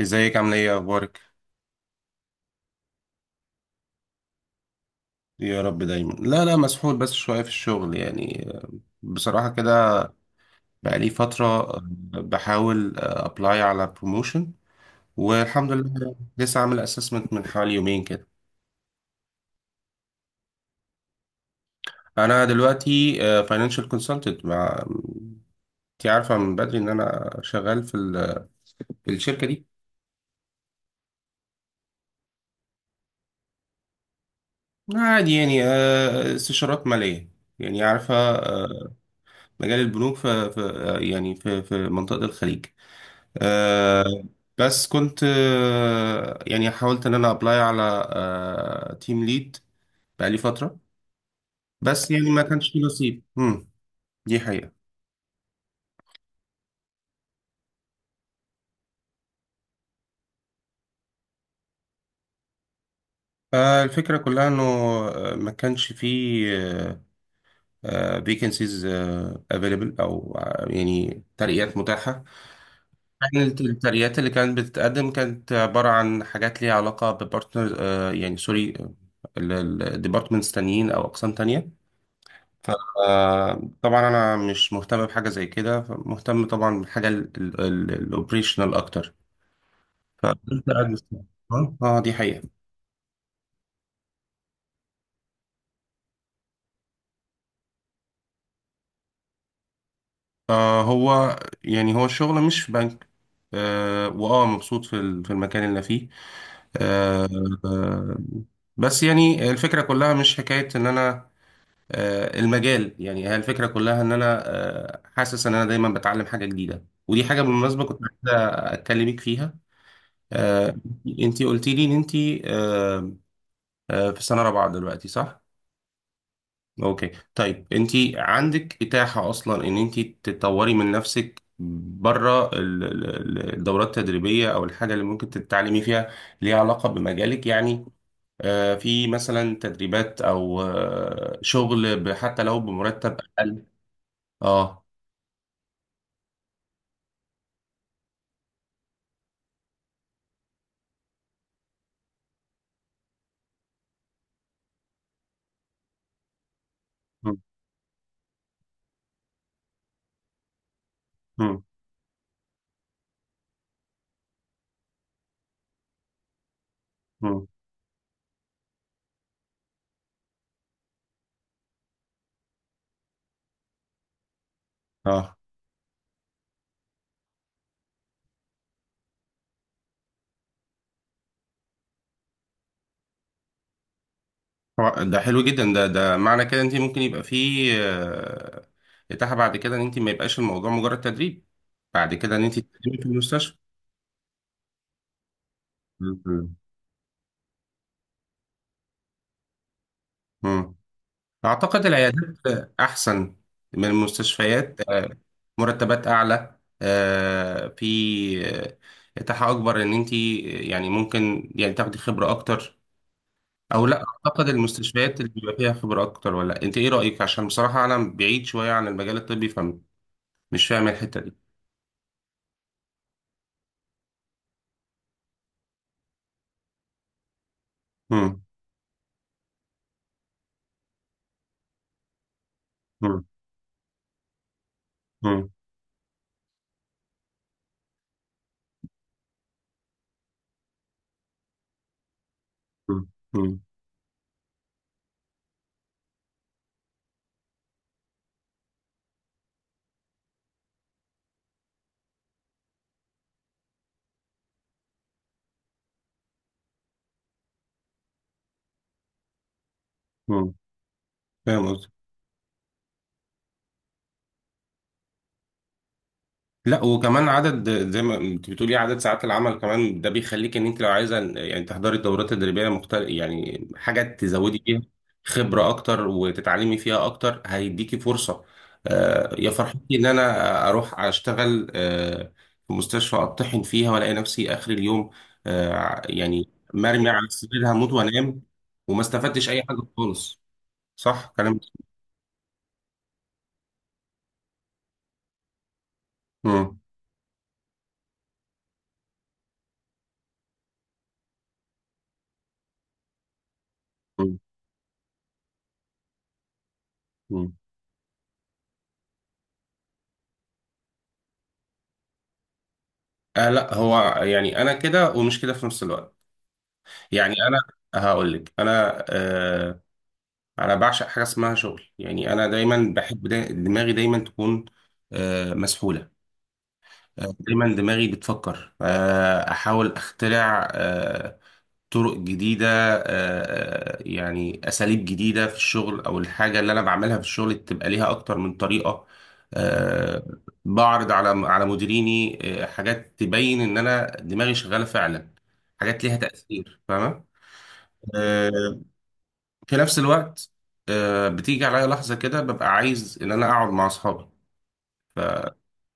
ازيك، عامل ايه، اخبارك؟ يا رب دايما. لا لا، مسحول بس شويه في الشغل يعني. بصراحه كده. بقالي فتره. بحاول ابلاي على بروموشن، والحمد لله لسه عامل اسسمنت من حوالي يومين كده. انا دلوقتي فاينانشال كونسلتنت مع... انت عارفه من بدري ان انا شغال في الشركه دي. عادي يعني. استشارات ماليه، يعني عارفه. مجال البنوك يعني في منطقه الخليج. آه بس كنت يعني حاولت ان انا ابلاي على تيم ليد بقالي فترة، بس يعني ما كانش فيه نصيب. دي حقيقة. الفكرة كلها انه ما كانش فيه فيكنسيز افيلبل او، يعني ترقيات متاحة. يعني الترقيات اللي كانت بتتقدم كانت عبارة عن حاجات ليها علاقة ببارتنر. يعني سوري، الديبارتمنتس تانيين او اقسام تانية. فطبعا انا مش مهتم بحاجه زي كده، مهتم طبعا بالحاجه الاوبريشنال اكتر، فكنت قاعد مستني. اه، دي حقيقه. هو يعني هو الشغل مش في بنك. واه مبسوط في المكان اللي أنا فيه. آه آه، بس يعني الفكره كلها مش حكايه ان انا المجال. يعني هي الفكره كلها ان انا حاسس ان انا دايما بتعلم حاجه جديده، ودي حاجه بالمناسبه كنت عايز اكلمك فيها. آه، انتي قلت لي ان انتي في سنة رابعة دلوقتي، صح؟ اوكي، طيب انتي عندك اتاحة اصلا ان انتي تطوري من نفسك بره الدورات التدريبية او الحاجة اللي ممكن تتعلمي فيها، ليها علاقة بمجالك يعني. في مثلا تدريبات او، شغل حتى لو بمرتب اقل. اه. مم، مم، مم. اه، هو ده حلو جدا. ده معنى كده انت ممكن يبقى فيه اتاحة بعد كده، ان انت ما يبقاش الموضوع مجرد تدريب، بعد كده ان انت تقدمي في المستشفى. مم. مم. اعتقد العيادات احسن من المستشفيات. مرتبات اعلى، في اتاحة اكبر ان انت، يعني ممكن يعني تاخدي خبرة اكتر. او لا، اعتقد المستشفيات اللي بيبقى فيها خبرة اكتر؟ ولا انت ايه رأيك؟ عشان بصراحة انا بعيد شوية عن المجال الطبي، فمش فاهم الحتة دي. مم. مم. مم. مم. مم. مم. فاهم قصدي. لا، وكمان عدد، زي ما انت بتقولي عدد ساعات العمل كمان، ده بيخليك ان انت لو عايزه يعني تحضري الدورات التدريبيه مختلف، يعني حاجه تزودي فيها خبره اكتر وتتعلمي فيها اكتر. هيديكي فرصه. يا فرحتي ان انا اروح اشتغل في مستشفى اطحن فيها والاقي نفسي اخر اليوم، يعني مرمي على السرير هموت وانام، وما استفدتش اي حاجه خالص. صح كلام. مم. مم. لا، هو يعني انا كده ومش كده في نفس الوقت. يعني انا هقول لك. انا انا بعشق حاجه اسمها شغل. يعني انا دايما بحب دا دماغي دايما تكون مسحوله. دايما دماغي بتفكر. احاول اخترع طرق جديدة. آه، يعني أساليب جديدة في الشغل، أو الحاجة اللي أنا بعملها في الشغل تبقى ليها أكتر من طريقة. آه، بعرض على مديريني حاجات تبين إن أنا دماغي شغالة فعلا، حاجات ليها تأثير، فاهمة. آه، في نفس الوقت بتيجي عليا لحظة كده ببقى عايز إن أنا أقعد مع أصحابي.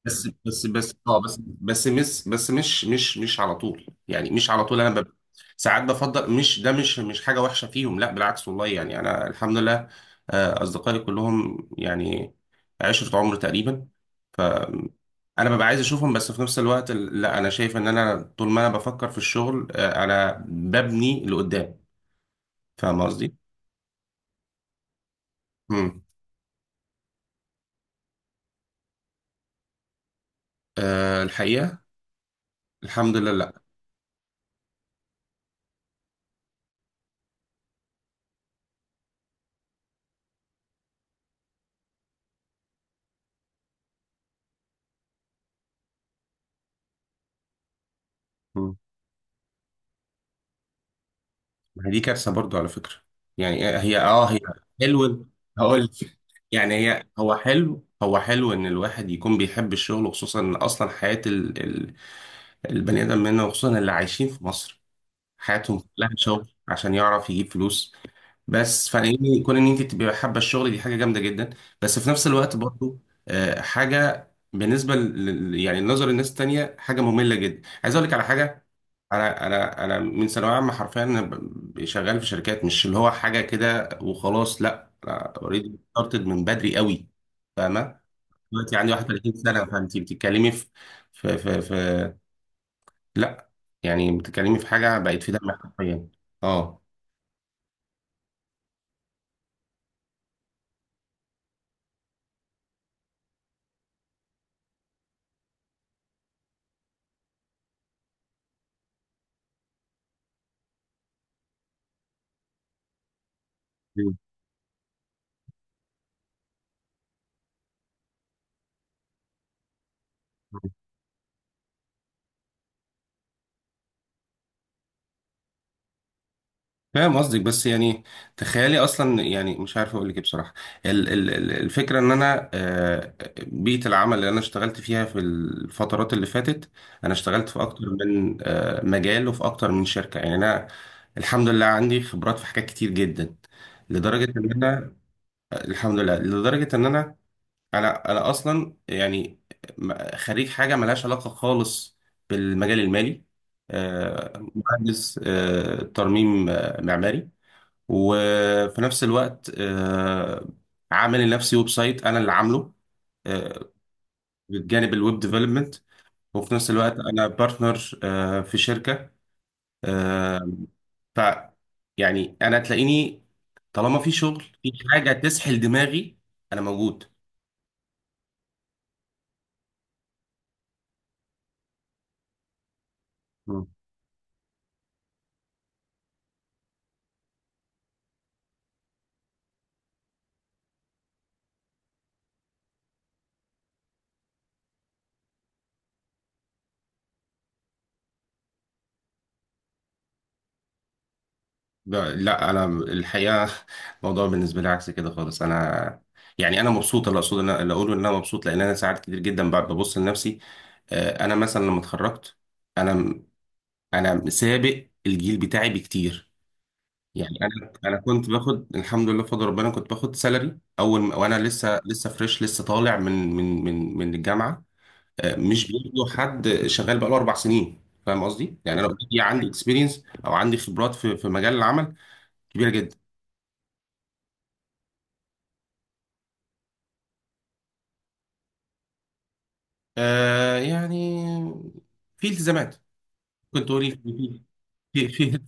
بس مش على طول. يعني مش على طول انا بب... ساعات بفضل. مش ده، مش حاجه وحشه فيهم، لا بالعكس، والله يعني انا الحمد لله. اصدقائي كلهم يعني عشره عمر تقريبا. آم، انا ببقى عايز اشوفهم. بس في نفس الوقت لا، انا شايف ان انا طول ما انا بفكر في الشغل، انا ببني لقدام. فاهم قصدي؟ امم. أه، الحقيقه الحمد لله لا. ما هي دي كارثه برضو على فكره. يعني هي حلو. هقول لك. يعني هي هو حلو هو حلو ان الواحد يكون بيحب الشغل، وخصوصا ان اصلا حياه البني ادم منا، وخصوصا اللي عايشين في مصر حياتهم كلها شغل عشان يعرف يجيب فلوس. بس فإن كون ان انت تبقي حابه الشغل دي حاجه جامده جدا. بس في نفس الوقت برضو حاجه بالنسبه يعني لنظر الناس التانية حاجه ممله جدا. عايز اقول لك على حاجه. انا من ثانويه عامه حرفيا أنا شغال في شركات، مش اللي هو حاجه كده وخلاص. لا، انا اوريدي ستارتد من بدري قوي، فاهمه. دلوقتي عندي 31 سنه، فانت بتتكلمي في لا، يعني بتتكلمي في حاجه بقت في دمك حرفيا. اه. فاهم قصدك. بس يعني تخيلي اصلا، يعني مش عارف اقول لك ايه بصراحه. الفكره ان انا بيئه العمل اللي انا اشتغلت فيها في الفترات اللي فاتت، انا اشتغلت في اكتر من مجال، وفي اكتر من شركه. يعني انا الحمد لله عندي خبرات في حاجات كتير جدا، لدرجه ان انا، الحمد لله، لدرجه ان انا اصلا يعني خريج حاجه ملهاش علاقه خالص بالمجال المالي. مهندس ترميم معماري. وفي نفس الوقت عامل لنفسي ويب سايت انا اللي عامله آه، بالجانب الويب ديفلوبمنت. وفي نفس الوقت انا بارتنر في شركة. آه، ف، يعني انا تلاقيني طالما في شغل، في حاجة تسحل دماغي انا موجود. مم. لا لا، انا الحقيقة الموضوع بالنسبة لي عكس كده خالص. انا يعني انا مبسوط. اللي اقصد انا اللي اقوله ان انا مبسوط لان انا ساعات كتير جدا ببص لنفسي. انا مثلا لما اتخرجت، انا انا سابق الجيل بتاعي بكتير. يعني انا كنت باخد، الحمد لله بفضل ربنا، كنت باخد سالري اول ما- وانا لسه فريش، لسه طالع من الجامعه. مش بياخدوا حد شغال بقاله اربع سنين. فاهم قصدي؟ يعني انا اوريدي عندي اكسبيرينس او عندي خبرات في مجال العمل كبيره جدا. يعني في التزامات. كنت تقولي في في في-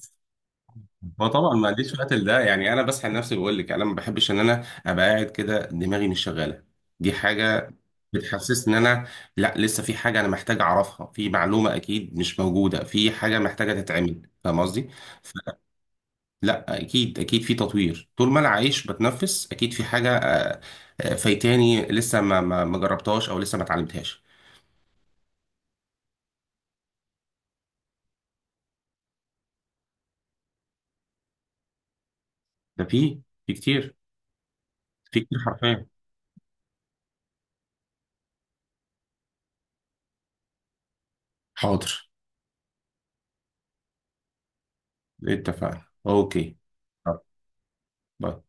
هو طبعا ما عنديش وقت لده. يعني انا بسحل نفسي. بقول لك انا ما بحبش ان انا ابقى قاعد كده دماغي مش شغاله. دي حاجه بتحسسني ان انا، لا، لسه في حاجه انا محتاج اعرفها، في معلومه اكيد مش موجوده، في حاجه محتاجه تتعمل، فاهم قصدي. فلا، اكيد اكيد في تطوير طول ما انا عايش بتنفس، اكيد في حاجه فايتاني لسه ما جربتهاش او لسه ما اتعلمتهاش. ده في كتير. في كتير حرفيا. حاضر. اتفقنا. اوكي. طب. باي.